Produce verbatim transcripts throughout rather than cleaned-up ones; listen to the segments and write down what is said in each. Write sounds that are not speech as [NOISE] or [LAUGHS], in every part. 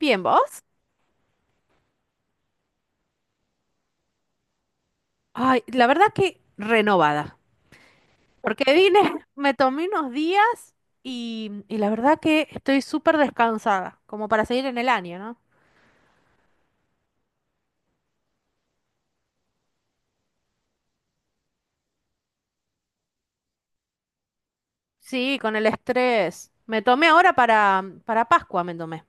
Bien, ¿vos? Ay, la verdad que renovada, porque vine, [LAUGHS] me tomé unos días y, y la verdad que estoy súper descansada, como para seguir en el año, ¿no? Sí, con el estrés. Me tomé ahora para, para Pascua, me tomé.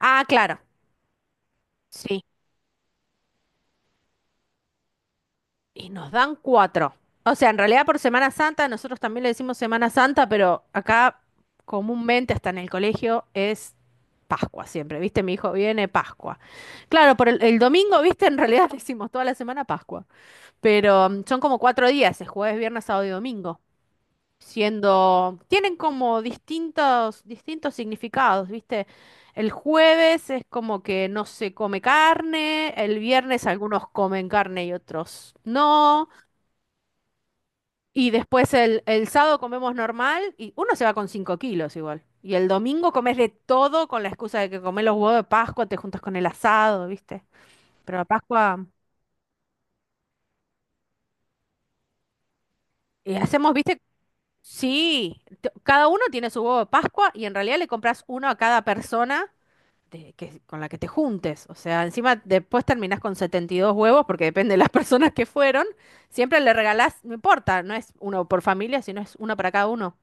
Ah, claro. Sí. Y nos dan cuatro. O sea, en realidad por Semana Santa, nosotros también le decimos Semana Santa, pero acá comúnmente hasta en el colegio es Pascua siempre, ¿viste? Mi hijo viene Pascua. Claro, por el, el domingo, ¿viste? En realidad [LAUGHS] decimos toda la semana Pascua, pero mm, son como cuatro días, es jueves, viernes, sábado y domingo, siendo, tienen como distintos, distintos significados, ¿viste? El jueves es como que no se come carne, el viernes algunos comen carne y otros no. Y después el, el sábado comemos normal y uno se va con cinco kilos igual. Y el domingo comes de todo con la excusa de que comés los huevos de Pascua, te juntas con el asado, ¿viste? Pero la Pascua, eh, hacemos, ¿viste? Sí, t- cada uno tiene su huevo de Pascua y en realidad le compras uno a cada persona de- que, con la que te juntes. O sea, encima después terminás con setenta y dos huevos porque depende de las [LAUGHS] personas que fueron. Siempre le regalás, no importa, no es uno por familia, sino es uno para cada uno.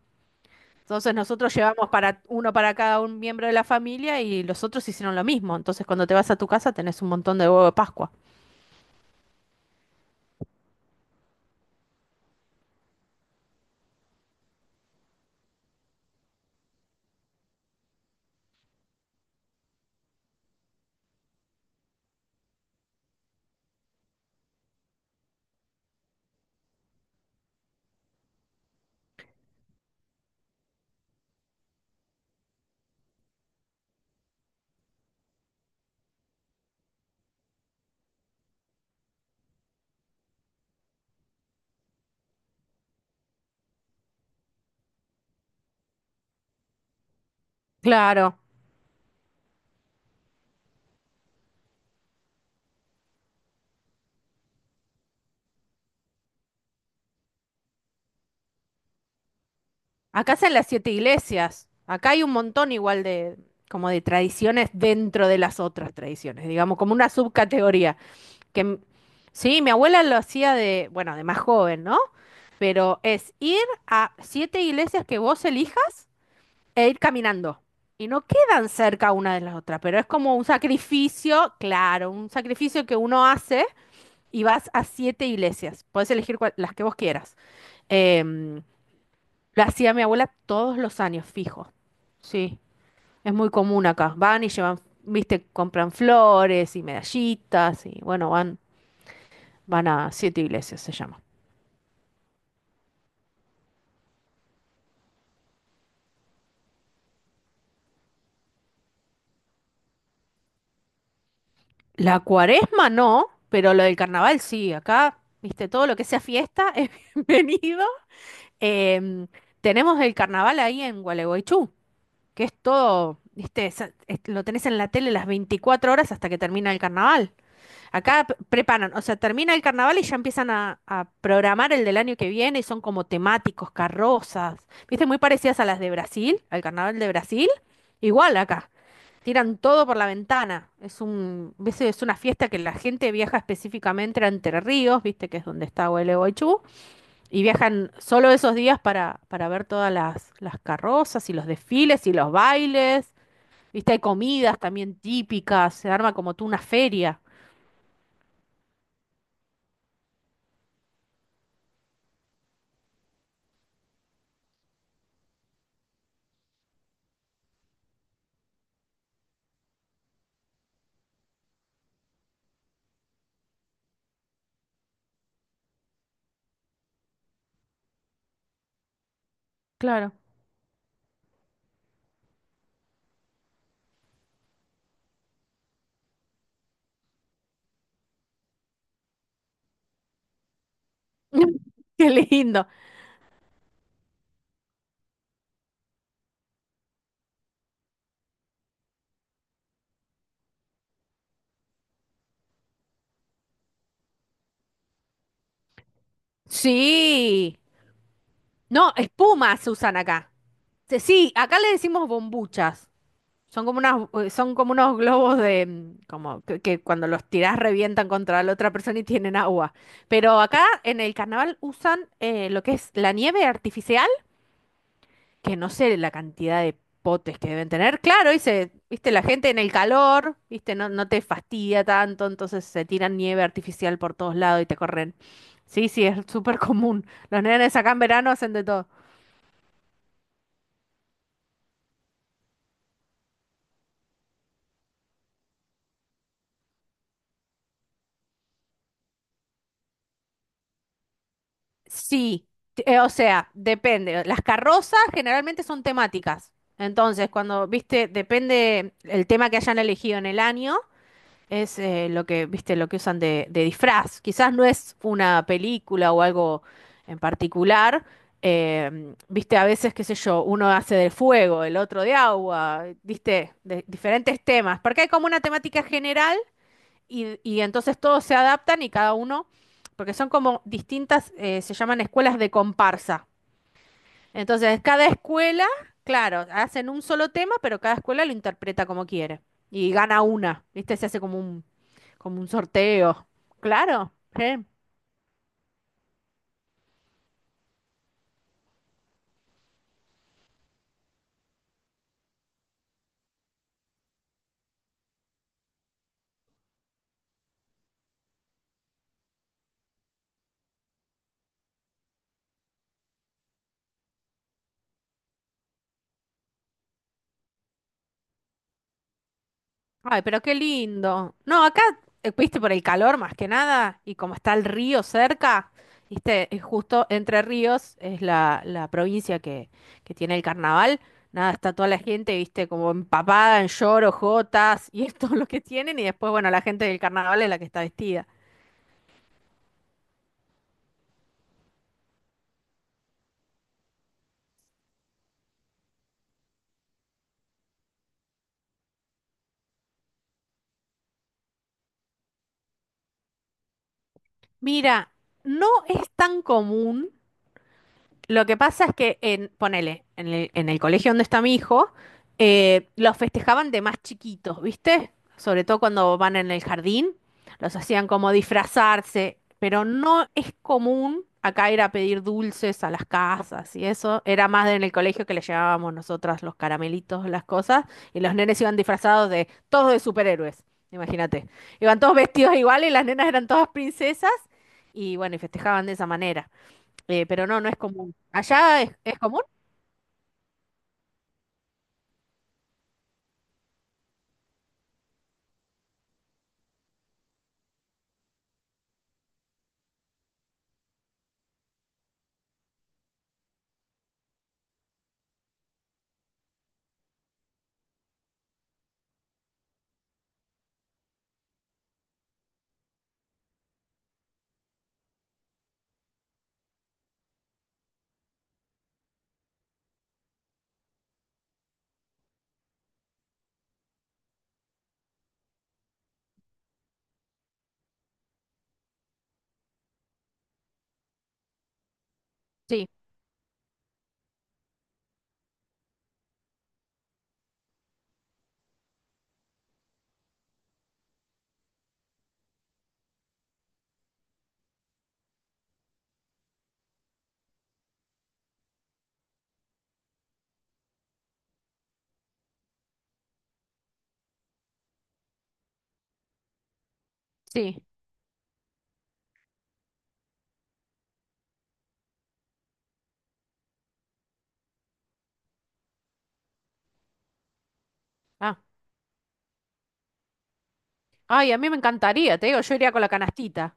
Entonces nosotros llevamos para uno para cada un miembro de la familia y los otros hicieron lo mismo. Entonces cuando te vas a tu casa tenés un montón de huevo de Pascua. Claro. Acá hacen las siete iglesias. Acá hay un montón igual de como de tradiciones dentro de las otras tradiciones, digamos, como una subcategoría. Que m- sí, mi abuela lo hacía de, bueno, de más joven, ¿no? Pero es ir a siete iglesias que vos elijas e ir caminando. Y no quedan cerca una de las otras, pero es como un sacrificio, claro, un sacrificio que uno hace y vas a siete iglesias. Puedes elegir cual- las que vos quieras. Em, lo hacía mi abuela todos los años, fijo. Sí, es muy común acá. Van y llevan, viste, compran flores y medallitas y bueno, van, van a siete iglesias, se llama. La cuaresma no, pero lo del carnaval sí. Acá, viste, todo lo que sea fiesta [LAUGHS] es bienvenido. Em, Tenemos el carnaval ahí en Gualeguaychú, que es todo, viste, es- es- lo tenés en la tele las veinticuatro horas hasta que termina el carnaval. Acá p- preparan, o sea, termina el carnaval y ya empiezan a, a programar el del año que viene y son como temáticos, carrozas, viste, muy parecidas a las de Brasil, al carnaval de Brasil, igual acá. Tiran todo por la ventana. Es un, ves, es una fiesta que la gente viaja específicamente a Entre Ríos, viste que es donde está Gualeguaychú, y viajan solo esos días para, para ver todas las, las carrozas y los desfiles y los bailes. Viste, hay comidas también típicas, se arma como tú una feria. Claro. [LAUGHS] Qué lindo. Sí. No, espumas se usan acá. Se- Sí, acá le decimos bombuchas. Son como unas, eh, son como unos globos de, mm, como que, que cuando los tirás revientan contra la otra persona y tienen agua. Pero acá en el carnaval usan eh, lo que es la nieve artificial que no sé la cantidad de potes que deben tener. Claro, y se- viste, la gente en el calor, viste, no, no te fastidia tanto, entonces se tiran nieve artificial por todos lados y te corren. Sí, sí, es súper común. Los nenes acá en verano hacen de todo. Sí, eh, o sea, depende. Las carrozas generalmente son temáticas. Entonces, cuando, viste, depende el tema que hayan elegido en el año. Es eh, lo que, viste, lo que usan de, de, disfraz. Quizás no es una película o algo en particular. Eh, viste, a veces, qué sé yo, uno hace de fuego, el otro de agua, viste, de diferentes temas. Porque hay como una temática general y, y entonces todos se adaptan y cada uno, porque son como distintas, eh, se llaman escuelas de comparsa. Entonces, cada escuela, claro, hacen un solo tema, pero cada escuela lo interpreta como quiere. Y gana una, ¿viste? Se hace como un, como un sorteo. Claro. Sí. Ay, pero qué lindo. No, acá, eh, viste, por el calor más que nada, y como está el río cerca, viste, es justo Entre Ríos es la, la provincia que, que tiene el carnaval. Nada, está toda la gente, viste, como empapada en lloros, jotas, [LAUGHS] y es todo lo que tienen, y después, bueno, la gente del carnaval es la que está vestida. Mira, no es tan común, lo que pasa es que, en, ponele, en el, en el colegio donde está mi hijo, eh, los festejaban de más chiquitos, ¿viste? Sobre todo cuando van en el jardín, los hacían como disfrazarse, pero no es común acá ir a pedir dulces a las casas y eso. Era más en el colegio que le llevábamos nosotras los caramelitos, las cosas, y los nenes iban disfrazados de todos de superhéroes, imagínate. Iban todos vestidos igual y las nenas eran todas princesas y bueno, y festejaban de esa manera. Eh, pero no, no es común. ¿Allá es, es común? Sí, sí. Ah, ay, a mí me encantaría, te digo, yo iría con la canastita.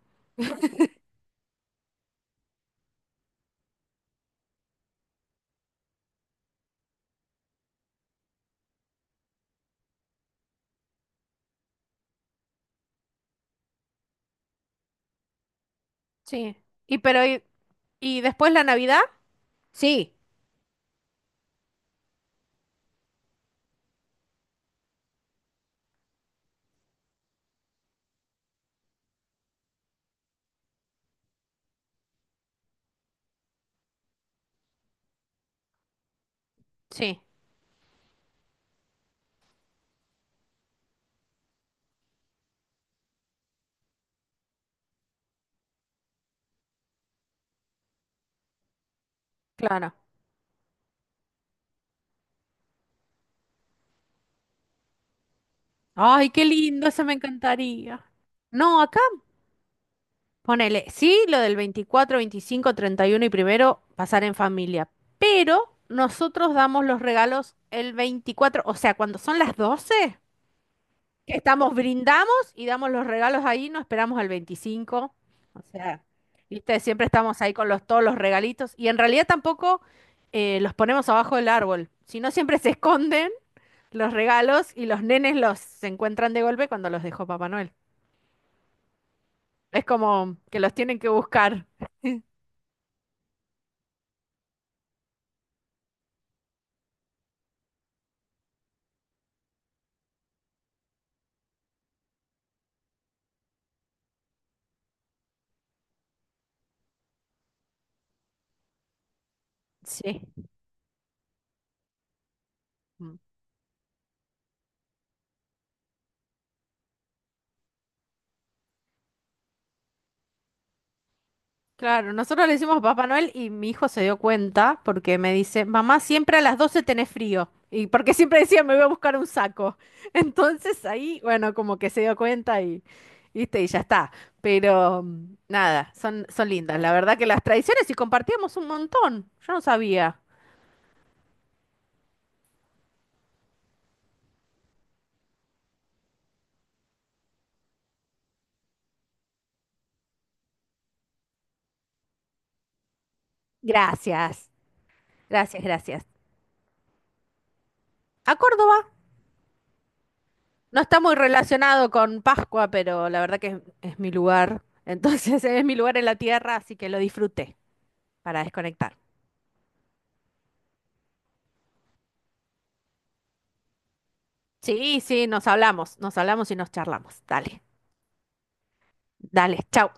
Sí. Y pero y, y después, ¿la Navidad? Sí, sí, claro. Ay, qué lindo, eso me encantaría. No, acá ponele, sí, lo del veinticuatro, veinticinco, treinta y uno y primero pasar en familia, pero nosotros damos los regalos el veinticuatro, o sea, cuando son las doce. Que estamos, brindamos y damos los regalos ahí, no esperamos al veinticinco. O sea, viste, siempre estamos ahí con los, todos los regalitos y en realidad tampoco eh, los ponemos abajo del árbol, sino siempre se esconden los regalos y los nenes los se encuentran de golpe cuando los dejó Papá Noel. Es como que los tienen que buscar. Sí. Claro, nosotros le decimos Papá Noel y mi hijo se dio cuenta porque me dice, mamá, siempre a las doce tenés frío. Y porque siempre decía, me voy a buscar un saco. [LAUGHS] Entonces ahí, bueno, como que se dio cuenta y, ¿viste? Y ya está. Pero mm, nada, son, son lindas. La verdad que las tradiciones y compartíamos un montón. Yo no sabía. Gracias, gracias, gracias. A Córdoba. No está muy relacionado con Pascua, pero la verdad que es, es, mi lugar. Entonces [LAUGHS] es mi lugar en la tierra, así que lo disfruté para desconectar. Sí, sí, nos hablamos, nos hablamos y nos charlamos. Dale, dale, chau.